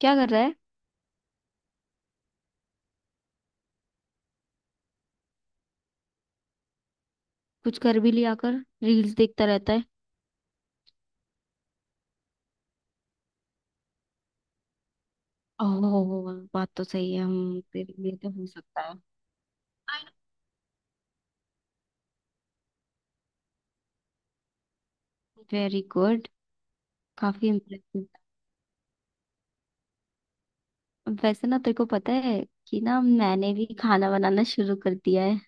क्या कर रहा है। कुछ कर भी लिया कर। रील्स देखता रहता है। ओह, बात तो सही है। हम तेरे लिए तो हो सकता है। Very good. काफी इम्प्रेसिव। वैसे ना तेरे को पता है कि ना, मैंने भी खाना बनाना शुरू कर दिया है।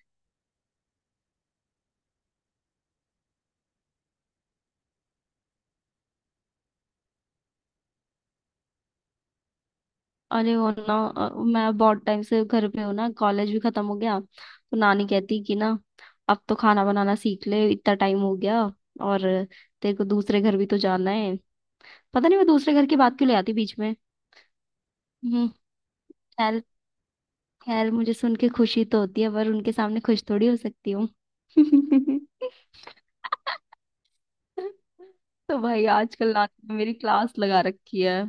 अरे वो ना मैं बहुत टाइम से घर पे हूँ ना, कॉलेज भी खत्म हो गया तो नानी कहती कि ना, अब तो खाना बनाना सीख ले, इतना टाइम हो गया। और तेरे को दूसरे घर भी तो जाना है। पता नहीं मैं दूसरे घर की बात क्यों ले आती बीच में। हम्म। खैर मुझे सुन के खुशी तो होती है, पर उनके सामने खुश थोड़ी हो सकती हूँ। तो भाई आजकल नानी ने मेरी क्लास लगा रखी है।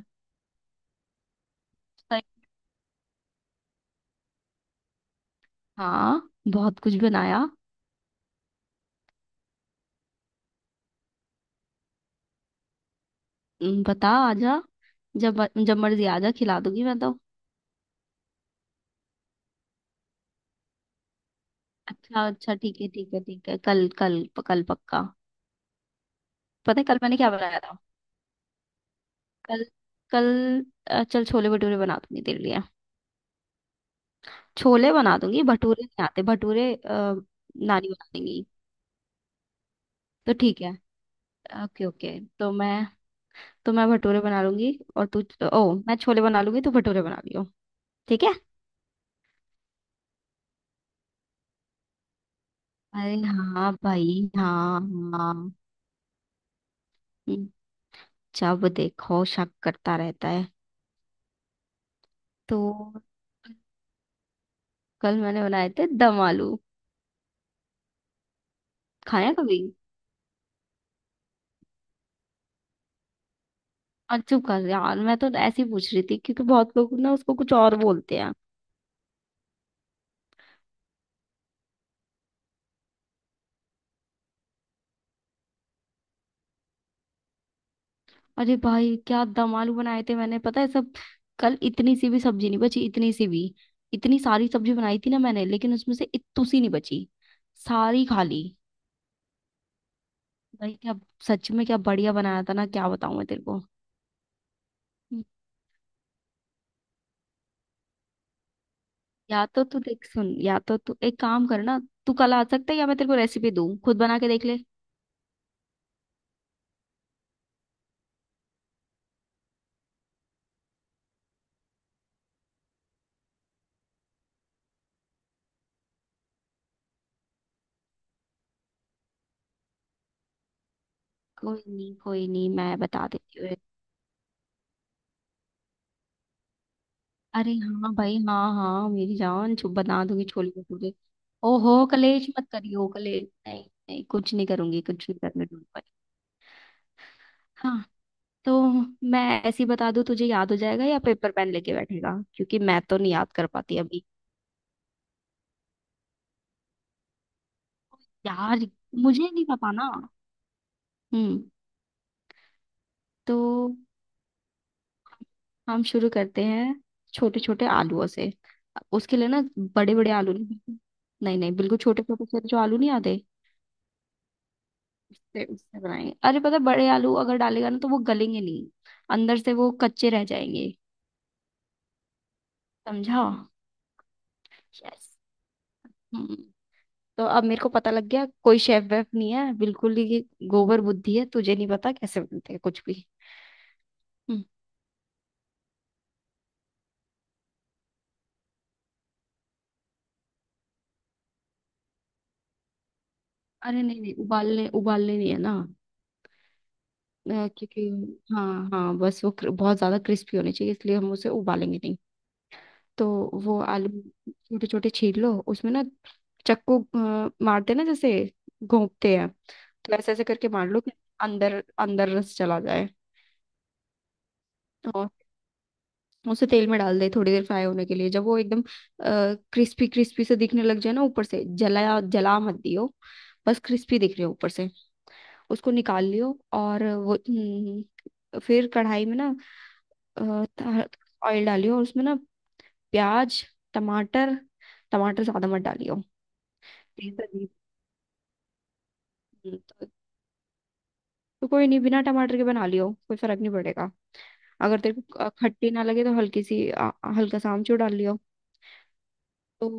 सही- हाँ, बहुत कुछ बनाया। बता आजा। जब जब मर्जी आजा, खिला दूंगी मैं तो। अच्छा अच्छा, ठीक है ठीक है ठीक है, कल कल कल पक्का। पता है कल मैंने क्या बनाया था? कल। कल। चल छोले भटूरे बना दूंगी तेरे लिए। छोले बना दूंगी, भटूरे नहीं आते, भटूरे नानी बना देंगी। तो ठीक है। ओके ओके, तो मैं भटूरे बना लूंगी और तू। ओ, मैं छोले बना लूंगी, तू भटूरे बना लियो। ठीक है। अरे हाँ भाई, हाँ हाँ। हम्म, जब देखो शक करता रहता है। तो कल मैंने बनाए थे दम आलू। खाया कभी? और चुप कर यार, मैं तो ऐसे ही पूछ रही थी क्योंकि बहुत लोग ना उसको कुछ और बोलते हैं। अरे भाई क्या दम आलू बनाए थे मैंने, पता है सब। कल इतनी सी भी सब्जी नहीं बची, इतनी सी भी। इतनी सारी सब्जी बनाई थी ना मैंने, लेकिन उसमें से इत्तू सी नहीं बची। सारी खा ली। भाई क्या। सच में क्या बढ़िया बनाया था ना, क्या बताऊं मैं तेरे को। या तो तू देख सुन, या तो तू एक काम कर ना। तू कल आ सकता है, या मैं तेरे को रेसिपी दूं, खुद बना के देख ले। कोई नहीं कोई नहीं, मैं बता देती हूँ। अरे हाँ भाई हाँ हाँ, मेरी जान छुप बना दूंगी छोले भटूरे। ओहो, कलेश मत करियो, कलेश नहीं। नहीं, कुछ नहीं करूंगी, कुछ नहीं करने दूंगी भाई। हाँ। तो मैं ऐसे ही बता दूं, तुझे याद हो जाएगा या पेपर पेन लेके बैठेगा? क्योंकि मैं तो नहीं याद कर पाती अभी। यार मुझे नहीं पता ना। हम्म तो हम शुरू करते हैं। छोटे छोटे आलूओं से। उसके लिए ना बड़े बड़े आलू नहीं। नहीं नहीं, बिल्कुल छोटे छोटे से जो आलू नहीं आते। उससे उससे बनाएंगे। अरे पता है, बड़े आलू अगर डालेगा ना तो वो गलेंगे नहीं, अंदर से वो कच्चे रह जाएंगे। समझा? यस। हम्म। तो अब मेरे को पता लग गया, कोई शेफ वेफ नहीं है बिल्कुल ही। गोबर बुद्धि है, तुझे नहीं पता कैसे बनते हैं कुछ भी। हम्म, अरे नहीं नहीं, उबालने उबालने नहीं है ना। क्योंकि, हाँ हाँ, बस वो बहुत ज़्यादा क्रिस्पी होनी चाहिए, इसलिए हम उसे उबालेंगे नहीं। तो वो आलू छोटे छोटे छील लो, उसमें ना चक्कू मारते ना, जैसे घोंपते हैं। तो ऐसे ऐसे करके मार लो कि अंदर अंदर रस चला जाए। और उसे तेल में डाल दे थोड़ी देर फ्राई होने के लिए। जब वो एकदम क्रिस्पी क्रिस्पी से दिखने लग जाए ना ऊपर से, जलाया जला मत दियो। बस क्रिस्पी दिख रहे हो ऊपर से, उसको निकाल लियो। और वो फिर कढ़ाई में ना ऑयल डालियो, और उसमें ना प्याज, टमाटर। टमाटर ज्यादा मत डालियो। Taste अजीब- हम्म, तो तो कोई नहीं, बिना टमाटर के बना लियो, कोई फर्क नहीं पड़ेगा। अगर तेरे को खट्टी ना लगे तो हल्का सा आमचूर डाल लियो। तो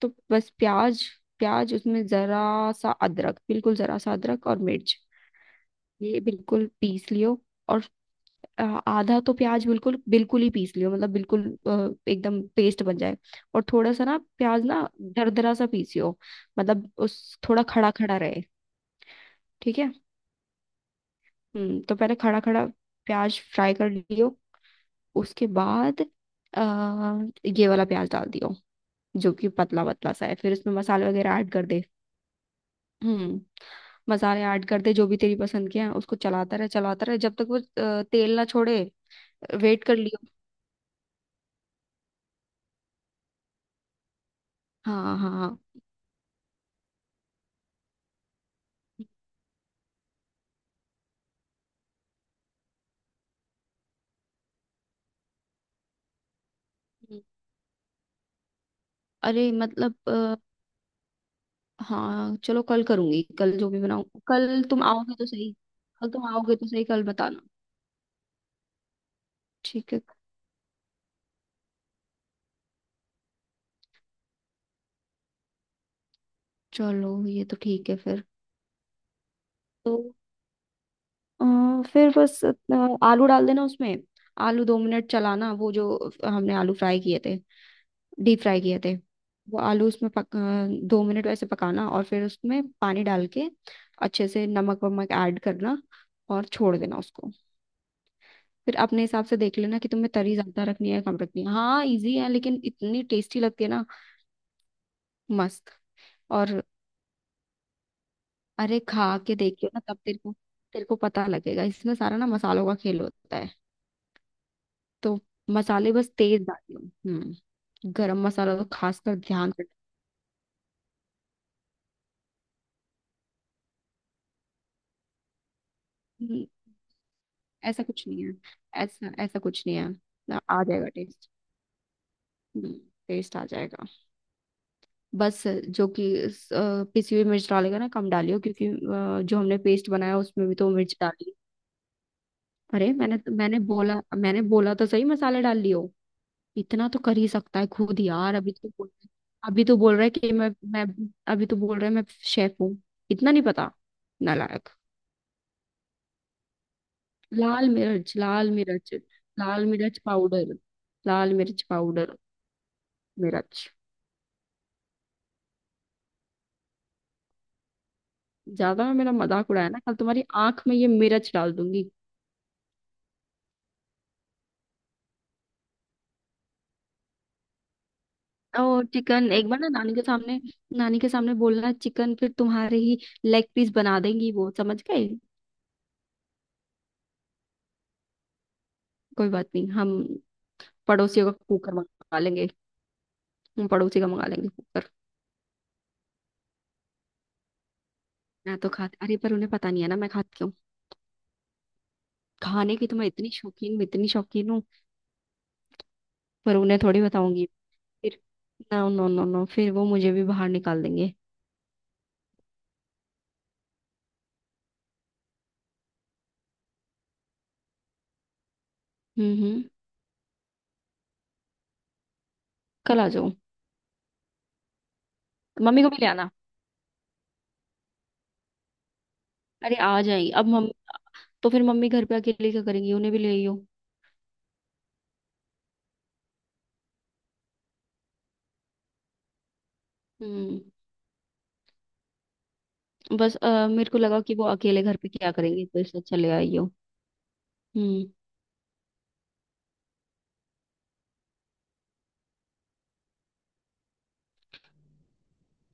तो बस प्याज प्याज उसमें जरा सा अदरक, बिल्कुल जरा सा अदरक और मिर्च। ये बिल्कुल पीस लियो। और आधा तो प्याज बिल्कुल बिल्कुल ही पीस लियो, मतलब बिल्कुल एकदम पेस्ट बन जाए। और थोड़ा सा ना प्याज ना दरदरा सा पीसियो, मतलब उस थोड़ा खड़ा खड़ा रहे। ठीक है। तो पहले खड़ा खड़ा प्याज फ्राई कर लियो। उसके बाद आ, ये वाला प्याज डाल दियो जो कि पतला पतला सा है, फिर उसमें मसाले वगैरह ऐड कर दे। हम्म मसाले ऐड कर दे जो भी तेरी पसंद के हैं, उसको चलाता रहे जब तक वो तेल ना छोड़े। वेट कर लियो। हाँ हाँ। हम्म। अरे मतलब, हाँ चलो, कल करूंगी कल जो भी बनाऊं, कल तुम आओगे तो सही। कल तुम आओगे तो सही, कल बताना। ठीक है। चलो, ये तो ठीक है फिर। तो फिर बस आलू डाल देना उसमें। आलू दो मिनट चलाना, वो जो हमने आलू फ्राई किए थे, डीप फ्राई किए थे, वो आलू उसमें दो मिनट वैसे पकाना, और फिर उसमें पानी डाल के अच्छे से नमक वमक ऐड करना, और छोड़ देना उसको। फिर अपने हिसाब से देख लेना कि तुम्हें तरी ज्यादा रखनी है या कम रखनी है। हाँ, इजी है लेकिन इतनी टेस्टी लगती है ना, मस्त। और अरे खा के देखियो ना, तब तेरे को, तेरे को पता लगेगा इसमें सारा ना मसालों का खेल होता है। तो मसाले बस तेज डालियो। हम्म। गरम मसाला तो खासकर ध्यान से। हम्म, ऐसा कुछ नहीं है, ऐसा ऐसा कुछ नहीं है। ना, आ जाएगा टेस्ट। हम्म। टेस्ट आ जाएगा। बस जो कि पिसी हुई मिर्च डालेगा ना कम डालियो, क्योंकि जो हमने पेस्ट बनाया उसमें भी तो मिर्च डाली। अरे मैंने बोला तो सही, मसाले डाल लियो। इतना तो कर ही सकता है खुद यार, अभी तो बोल। अभी तो बोल रहा है कि मैं, अभी तो बोल रहा है मैं शेफ हूँ। इतना नहीं पता। नालायक। लाल मिर्च, लाल मिर्च। लाल मिर्च पाउडर। लाल मिर्च पाउडर। मिर्च। ज्यादा मेरा मजाक उड़ाया ना, कल तुम्हारी आंख में ये मिर्च डाल दूंगी। और चिकन एक बार ना नानी के सामने, नानी के सामने बोलना चिकन, फिर तुम्हारे ही लेग पीस बना देंगी वो, समझ गए? कोई बात नहीं, हम पड़ोसियों का कुकर मंगा लेंगे, हम पड़ोसी का मंगा लेंगे। मैं तो खाती, अरे पर उन्हें पता नहीं है ना, मैं खाती क्यों। खाने की तो मैं इतनी शौकीन, इतनी शौकीन हूँ। पर उन्हें थोड़ी बताऊंगी। फिर नो नो नो नो, फिर वो मुझे भी बाहर निकाल देंगे। हम्म। कल आ जाओ, मम्मी को भी ले आना। अरे आ जाएंगी अब मम्मी। तो फिर मम्मी घर पे अकेले क्या करेंगी, उन्हें भी ले आइयो। हम्म। बस मेरे को लगा कि वो अकेले घर पे क्या करेंगे, तो इससे अच्छा ले आइयो। हम्म।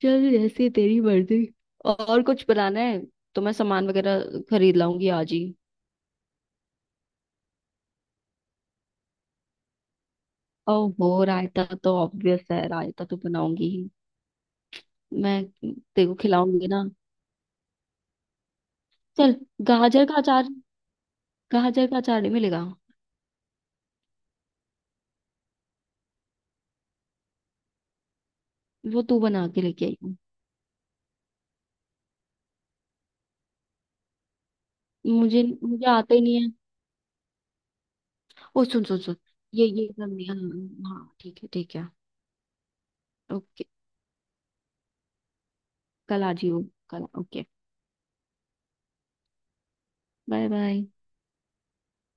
चल जैसे तेरी मर्जी। और कुछ बनाना है तो मैं सामान वगैरह खरीद लाऊंगी आज ही। ओ हो, रायता तो ऑब्वियस है, रायता तो बनाऊंगी ही। मैं तेरे को खिलाऊंगी ना। चल, गाजर का अचार, गाजर का अचार नहीं मिलेगा। वो तू बना के लेके आई हूँ। मुझे मुझे आता ही नहीं है। ओ सुन सुन सुन, ये करनी है। हाँ हाँ, ठीक है ठीक है। ओके। कल आ जियो, कल। ओके। Bye bye.